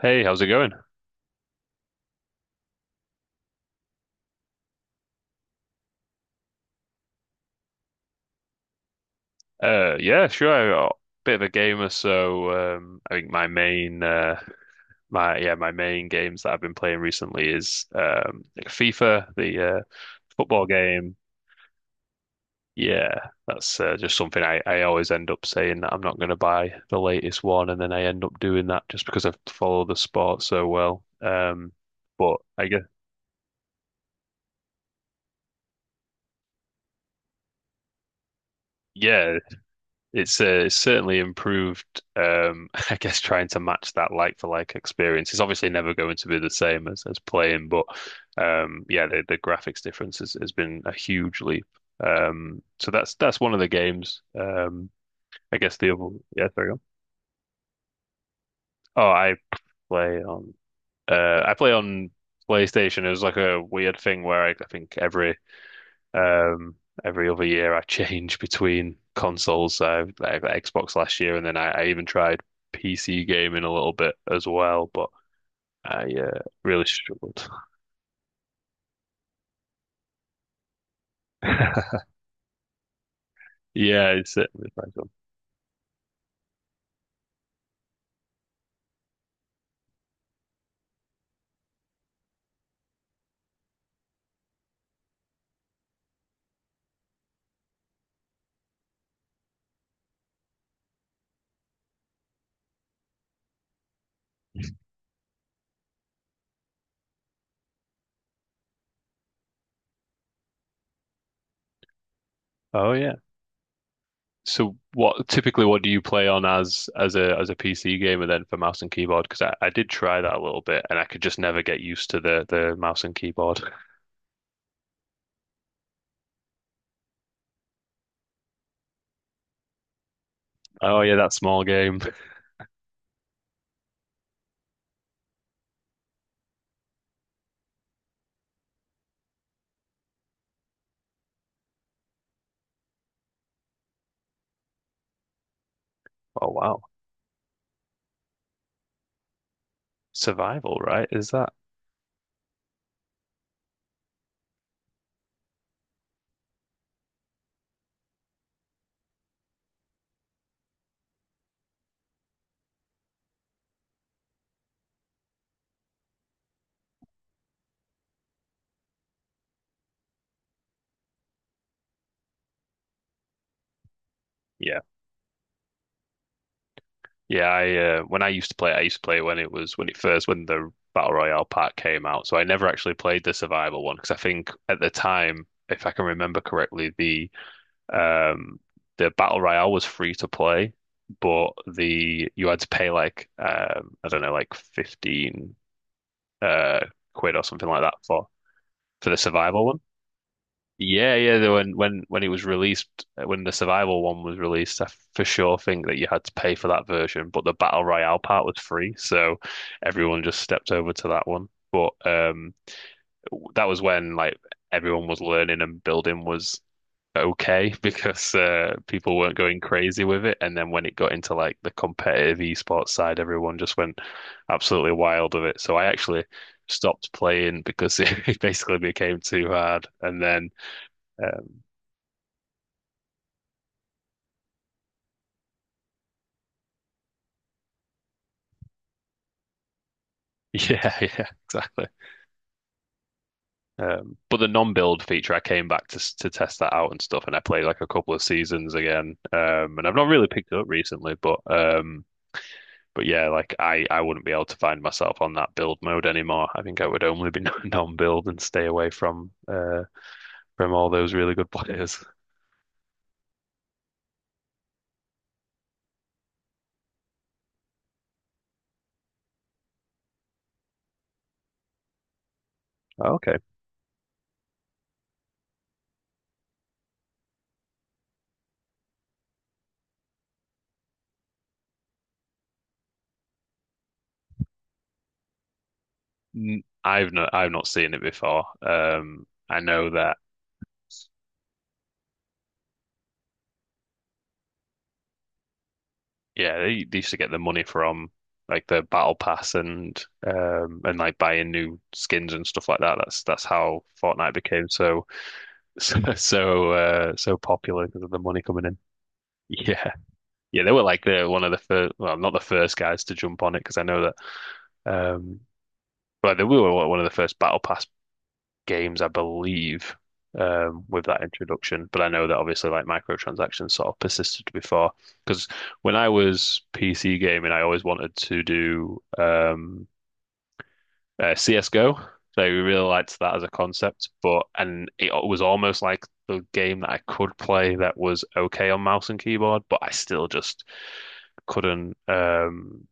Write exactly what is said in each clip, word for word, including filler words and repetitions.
Hey, how's it going? Uh, yeah, sure. I'm a bit of a gamer, so um, I think my main, uh, my yeah, my main games that I've been playing recently is um, like FIFA, the uh, football game. Yeah, that's uh, just something I, I always end up saying that I'm not going to buy the latest one, and then I end up doing that just because I follow the sport so well. Um, but I guess yeah. It's uh, it's certainly improved. Um, I guess trying to match that like for like experience is obviously never going to be the same as as playing, but um, yeah, the, the graphics difference has, has been a huge leap. Um, so that's that's one of the games. Um, I guess the other, yeah, there you go. Oh, I play on uh, I play on PlayStation. It was like a weird thing where I, I think every Um, every other year I change between consoles. So like Xbox last year, and then I, I even tried P C gaming a little bit as well, but I uh, really struggled. Yeah, it's it. Oh yeah. So what typically what do you play on as as a as a P C gamer then for mouse and keyboard? Because I, I did try that a little bit and I could just never get used to the the mouse and keyboard. Oh yeah, that small game. Oh wow. Survival, right? Is that? Yeah. Yeah, I uh, when I used to play it, I used to play it when it was when it first when the Battle Royale pack came out. So I never actually played the survival one because I think at the time, if I can remember correctly, the um the Battle Royale was free to play, but the you had to pay like um I don't know like fifteen uh quid or something like that for for the survival one. Yeah, yeah. the- When when when it was released, uh, when the survival one was released, I for sure think that you had to pay for that version, but the battle royale part was free, so everyone just stepped over to that one. But um, w- that was when like everyone was learning and building was okay because uh, people weren't going crazy with it. And then when it got into like the competitive esports side, everyone just went absolutely wild with it. So I actually stopped playing because it basically became too hard, and then. um, Yeah, yeah, exactly. Um, but the non-build feature, I came back to to test that out and stuff, and I played like a couple of seasons again. Um, and I've not really picked it up recently, but um, but yeah, like I I wouldn't be able to find myself on that build mode anymore. I think I would only be non-build and stay away from uh from all those really good players. Okay, N- I've not I've not seen it before. Um, I know that Yeah, they, they used to get the money from like the battle pass and um and like buying new skins and stuff like that. That's that's how Fortnite became so so so, uh, so popular because of the money coming in. Yeah, yeah, they were like the one of the first, well, not the first guys to jump on it because I know that um, but they were one of the first battle pass games, I believe, um, with that introduction. But I know that obviously like microtransactions sort of persisted before. Because when I was P C gaming, I always wanted to do um, uh, C S G O. So I really liked that as a concept, but and it was almost like the game that I could play that was okay on mouse and keyboard, but I still just couldn't um,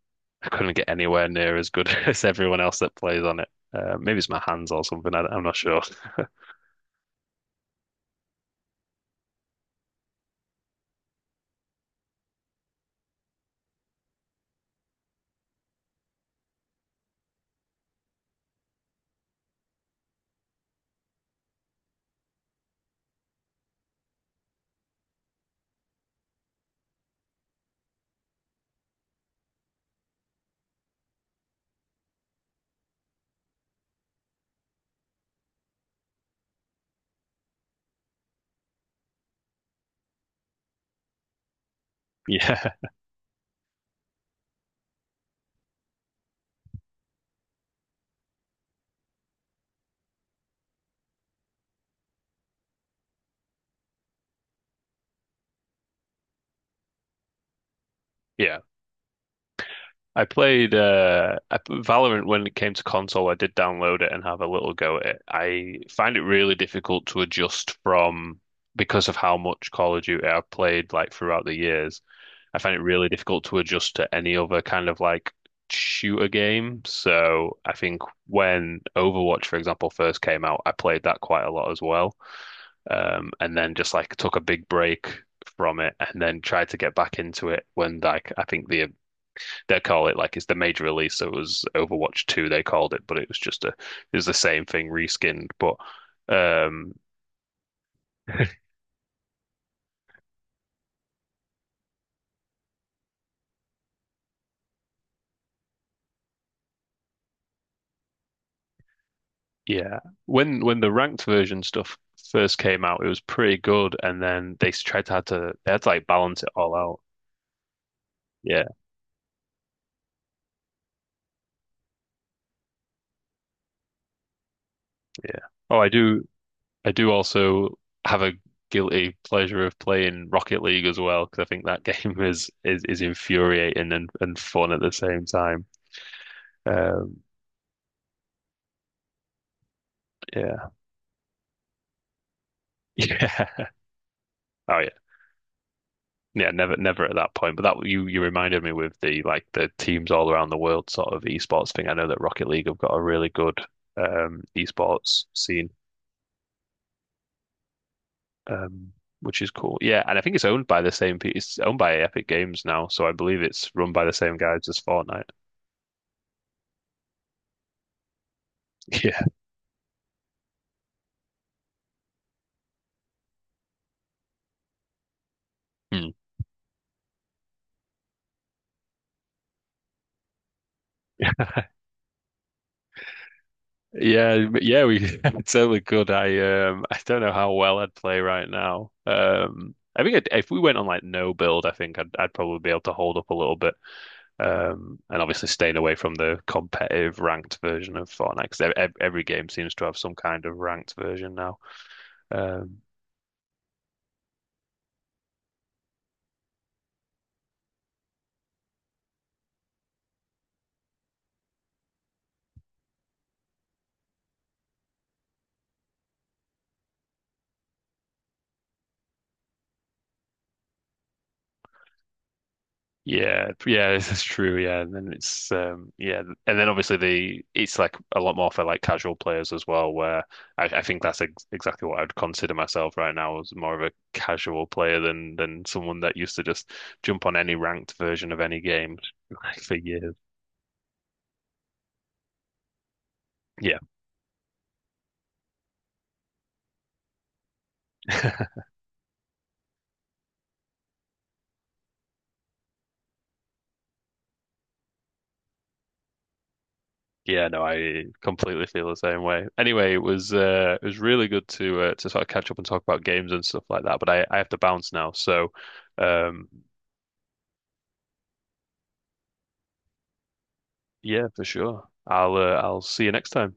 I couldn't get anywhere near as good as everyone else that plays on it. Uh, maybe it's my hands or something. I, I'm not sure. Yeah, yeah. I played uh I, p- Valorant when it came to console. I did download it and have a little go at it. I find it really difficult to adjust from because of how much Call of Duty I've played like throughout the years. I find it really difficult to adjust to any other kind of like shooter game. So I think when Overwatch, for example, first came out, I played that quite a lot as well. Um, and then just like took a big break from it and then tried to get back into it when like I think the they call it like it's the major release. So it was Overwatch two, they called it, but it was just a it was the same thing reskinned. But um yeah. When when the ranked version stuff first came out, it was pretty good and then they tried to had to they had to like balance it all out. Yeah, yeah. Oh, I do I do also have a guilty pleasure of playing Rocket League as well, because I think that game is is, is infuriating and, and fun at the same time. Um yeah. Yeah. Oh yeah. Yeah, never, never at that point. But that you you reminded me with the like the teams all around the world sort of esports thing. I know that Rocket League have got a really good um esports scene, um, which is cool. Yeah, and I think it's owned by the same pe It's owned by Epic Games now, so I believe it's run by the same guys as Fortnite. Yeah. Hmm. Yeah, but yeah, we I totally could. I um I don't know how well I'd play right now. Um I think I'd, if we went on like no build, I think I'd I'd probably be able to hold up a little bit. Um, and obviously staying away from the competitive ranked version of Fortnite because every, every game seems to have some kind of ranked version now. Um, yeah, yeah, that's true. Yeah, and then it's um, yeah, and then obviously the it's like a lot more for like casual players as well. Where I, I think that's ex exactly what I'd consider myself right now as more of a casual player than than someone that used to just jump on any ranked version of any game like, for years. Yeah. Yeah, no, I completely feel the same way. Anyway, it was uh, it was really good to uh, to sort of catch up and talk about games and stuff like that. But I, I have to bounce now, so um, yeah, for sure. I'll uh, I'll see you next time.